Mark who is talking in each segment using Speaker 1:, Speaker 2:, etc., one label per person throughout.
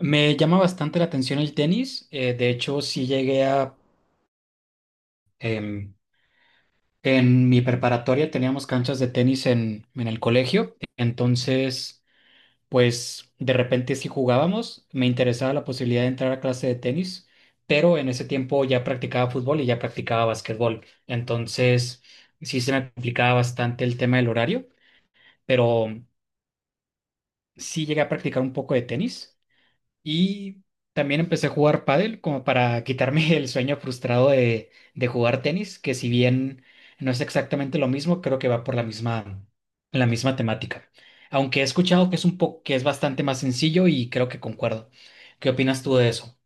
Speaker 1: Me llama bastante la atención el tenis. De hecho, sí llegué a... em, en mi preparatoria teníamos canchas de tenis en el colegio. Entonces, pues de repente sí jugábamos. Me interesaba la posibilidad de entrar a clase de tenis, pero en ese tiempo ya practicaba fútbol y ya practicaba básquetbol. Entonces, sí se me complicaba bastante el tema del horario, pero sí llegué a practicar un poco de tenis. Y también empecé a jugar pádel como para quitarme el sueño frustrado de jugar tenis, que si bien no es exactamente lo mismo, creo que va por la misma temática. Aunque he escuchado que es un poco, que es bastante más sencillo y creo que concuerdo. ¿Qué opinas tú de eso?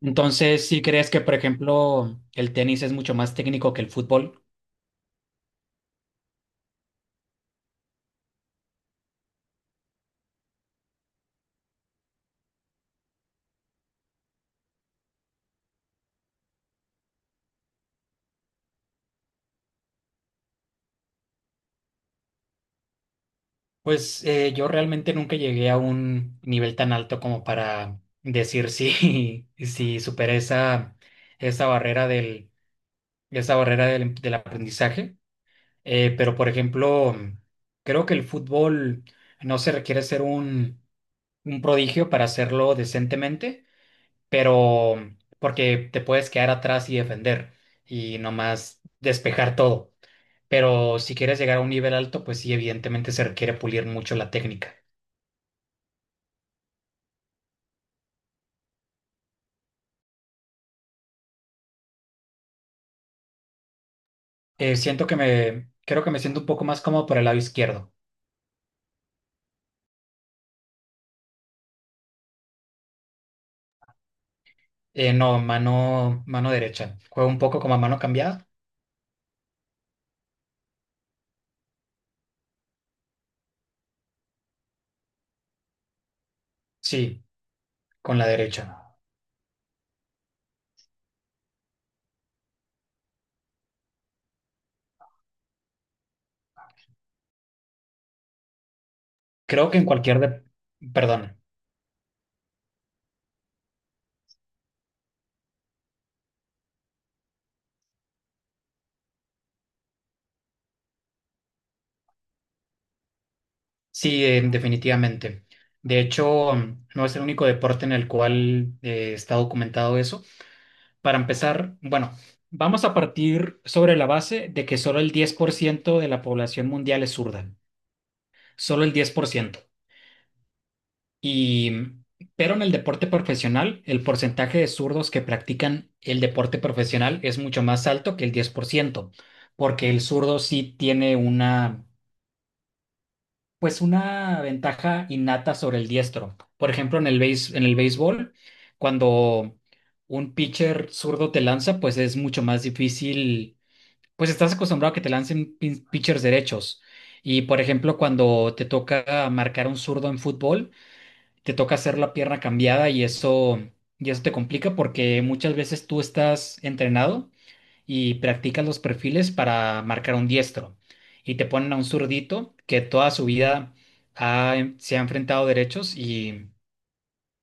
Speaker 1: Entonces, si crees que, por ejemplo, el tenis es mucho más técnico que el fútbol, pues yo realmente nunca llegué a un nivel tan alto como para decir si, si superé esa, esa barrera del esa barrera del aprendizaje. Pero, por ejemplo, creo que el fútbol no se requiere ser un prodigio para hacerlo decentemente, pero porque te puedes quedar atrás y defender y nomás despejar todo. Pero si quieres llegar a un nivel alto, pues sí, evidentemente se requiere pulir mucho la técnica. Siento que me, creo que me siento un poco más cómodo por el lado izquierdo. No, mano derecha. Juego un poco como a mano cambiada. Sí, con la derecha. Creo que en cualquier de- Perdón, sí, definitivamente. De hecho, no es el único deporte en el cual está documentado eso. Para empezar, bueno, vamos a partir sobre la base de que solo el 10% de la población mundial es zurda. Solo el 10%. Y, mm, pero en el deporte profesional, el porcentaje de zurdos que practican el deporte profesional es mucho más alto que el 10%, porque el zurdo sí tiene una pues una ventaja innata sobre el diestro. Por ejemplo, en el en el béisbol, cuando un pitcher zurdo te lanza, pues es mucho más difícil, pues estás acostumbrado a que te lancen pitchers derechos. Y por ejemplo, cuando te toca marcar a un zurdo en fútbol, te toca hacer la pierna cambiada y eso te complica porque muchas veces tú estás entrenado y practicas los perfiles para marcar un diestro. Y te ponen a un zurdito que toda su vida se ha enfrentado derechos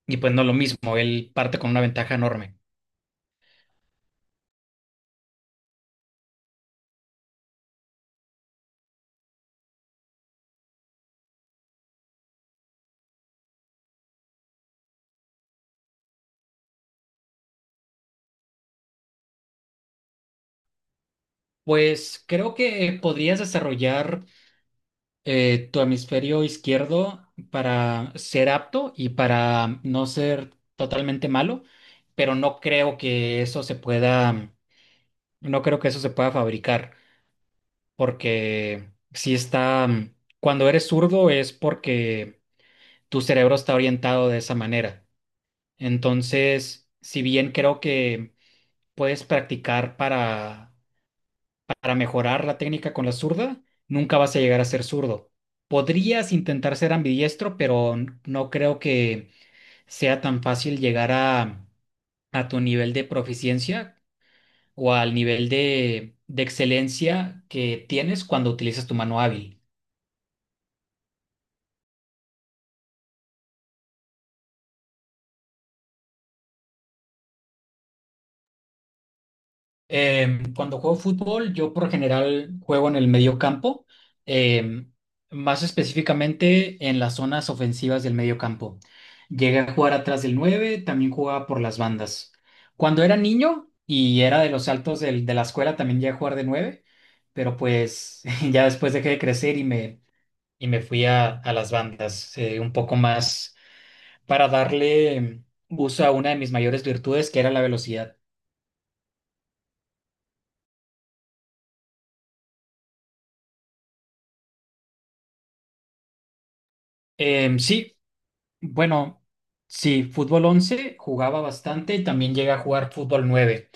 Speaker 1: y pues no lo mismo, él parte con una ventaja enorme. Pues creo que podrías desarrollar tu hemisferio izquierdo para ser apto y para no ser totalmente malo, pero no creo que eso se pueda, no creo que eso se pueda fabricar. Porque si está, cuando eres zurdo es porque tu cerebro está orientado de esa manera. Entonces, si bien creo que puedes practicar para mejorar la técnica con la zurda, nunca vas a llegar a ser zurdo. Podrías intentar ser ambidiestro, pero no creo que sea tan fácil llegar a tu nivel de proficiencia o al nivel de excelencia que tienes cuando utilizas tu mano hábil. Cuando juego fútbol, yo por lo general juego en el medio campo, em, más específicamente en las zonas ofensivas del medio campo. Llegué a jugar atrás del 9, también jugaba por las bandas. Cuando era niño y era de los altos de la escuela, también llegué a jugar de 9, pero pues ya después dejé de crecer y me fui a las bandas, un poco más para darle uso a una de mis mayores virtudes, que era la velocidad. Sí. Bueno, sí, fútbol 11 jugaba bastante y también llega a jugar fútbol 9.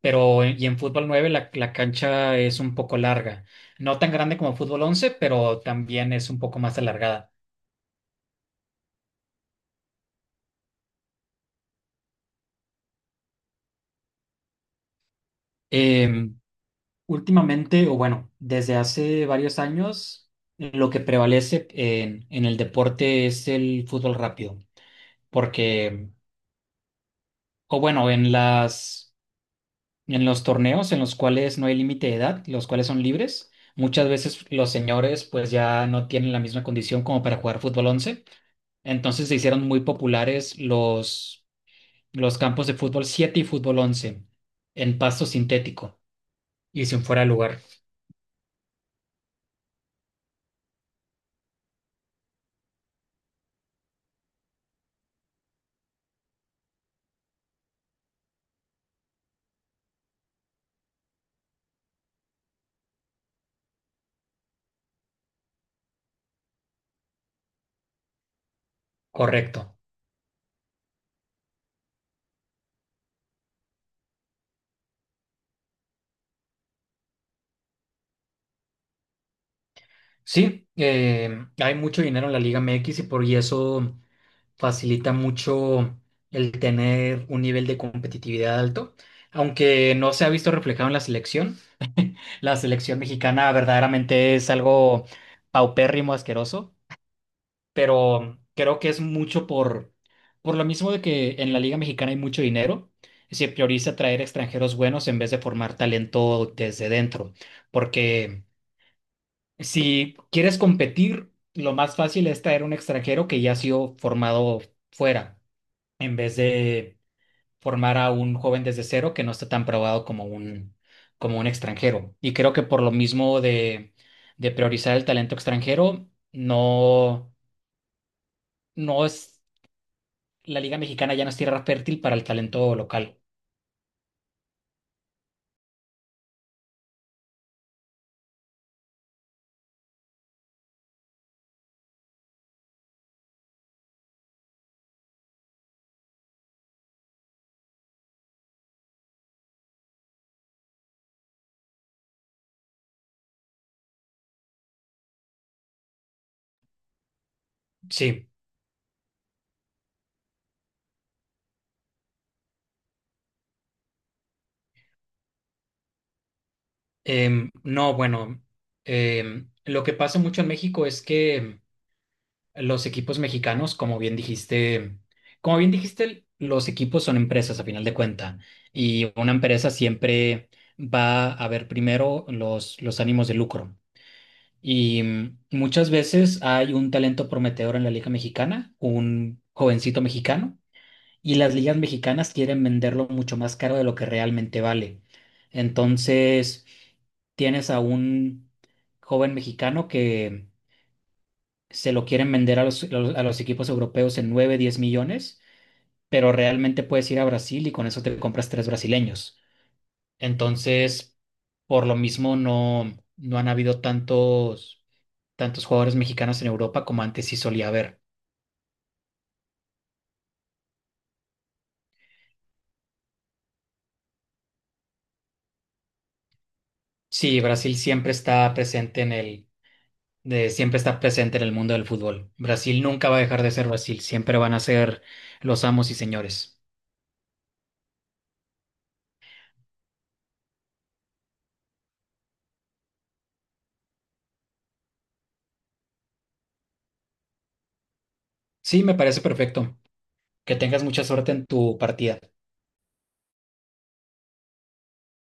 Speaker 1: Pero y en fútbol 9 la cancha es un poco larga, no tan grande como fútbol 11, pero también es un poco más alargada. Eh, Últimamente, o bueno, desde hace varios años, lo que prevalece en el deporte es el fútbol rápido, porque, o bueno, en las... En los torneos en los cuales no hay límite de edad, los cuales son libres, muchas veces los señores pues ya no tienen la misma condición como para jugar fútbol once. Entonces se hicieron muy populares los campos de fútbol 7 y fútbol 11 en pasto sintético y sin fuera de lugar. Correcto. Sí, hay mucho dinero en la Liga MX y por y eso facilita mucho el tener un nivel de competitividad alto, aunque no se ha visto reflejado en la selección. La selección mexicana verdaderamente es algo paupérrimo, asqueroso, pero creo que es mucho por lo mismo de que en la Liga Mexicana hay mucho dinero. Se prioriza traer extranjeros buenos en vez de formar talento desde dentro, porque si quieres competir, lo más fácil es traer un extranjero que ya ha sido formado fuera en vez de formar a un joven desde cero que no está tan probado como como un extranjero. Y creo que por lo mismo de priorizar el talento extranjero, no, no es, la Liga Mexicana ya no es tierra fértil para el talento local. Sí. No, bueno, lo que pasa mucho en México es que los equipos mexicanos, como bien dijiste, los equipos son empresas a final de cuenta y una empresa siempre va a ver primero los ánimos de lucro. Y muchas veces hay un talento prometedor en la Liga Mexicana, un jovencito mexicano, y las ligas mexicanas quieren venderlo mucho más caro de lo que realmente vale. Entonces, tienes a un joven mexicano que se lo quieren vender a los, a los equipos europeos en 9-10 millones, pero realmente puedes ir a Brasil y con eso te compras tres brasileños. Entonces, por lo mismo, no, no han habido tantos, tantos jugadores mexicanos en Europa como antes sí solía haber. Sí, Brasil siempre está presente en el, siempre está presente en el mundo del fútbol. Brasil nunca va a dejar de ser Brasil, siempre van a ser los amos y señores. Sí, me parece perfecto. Que tengas mucha suerte en tu partida.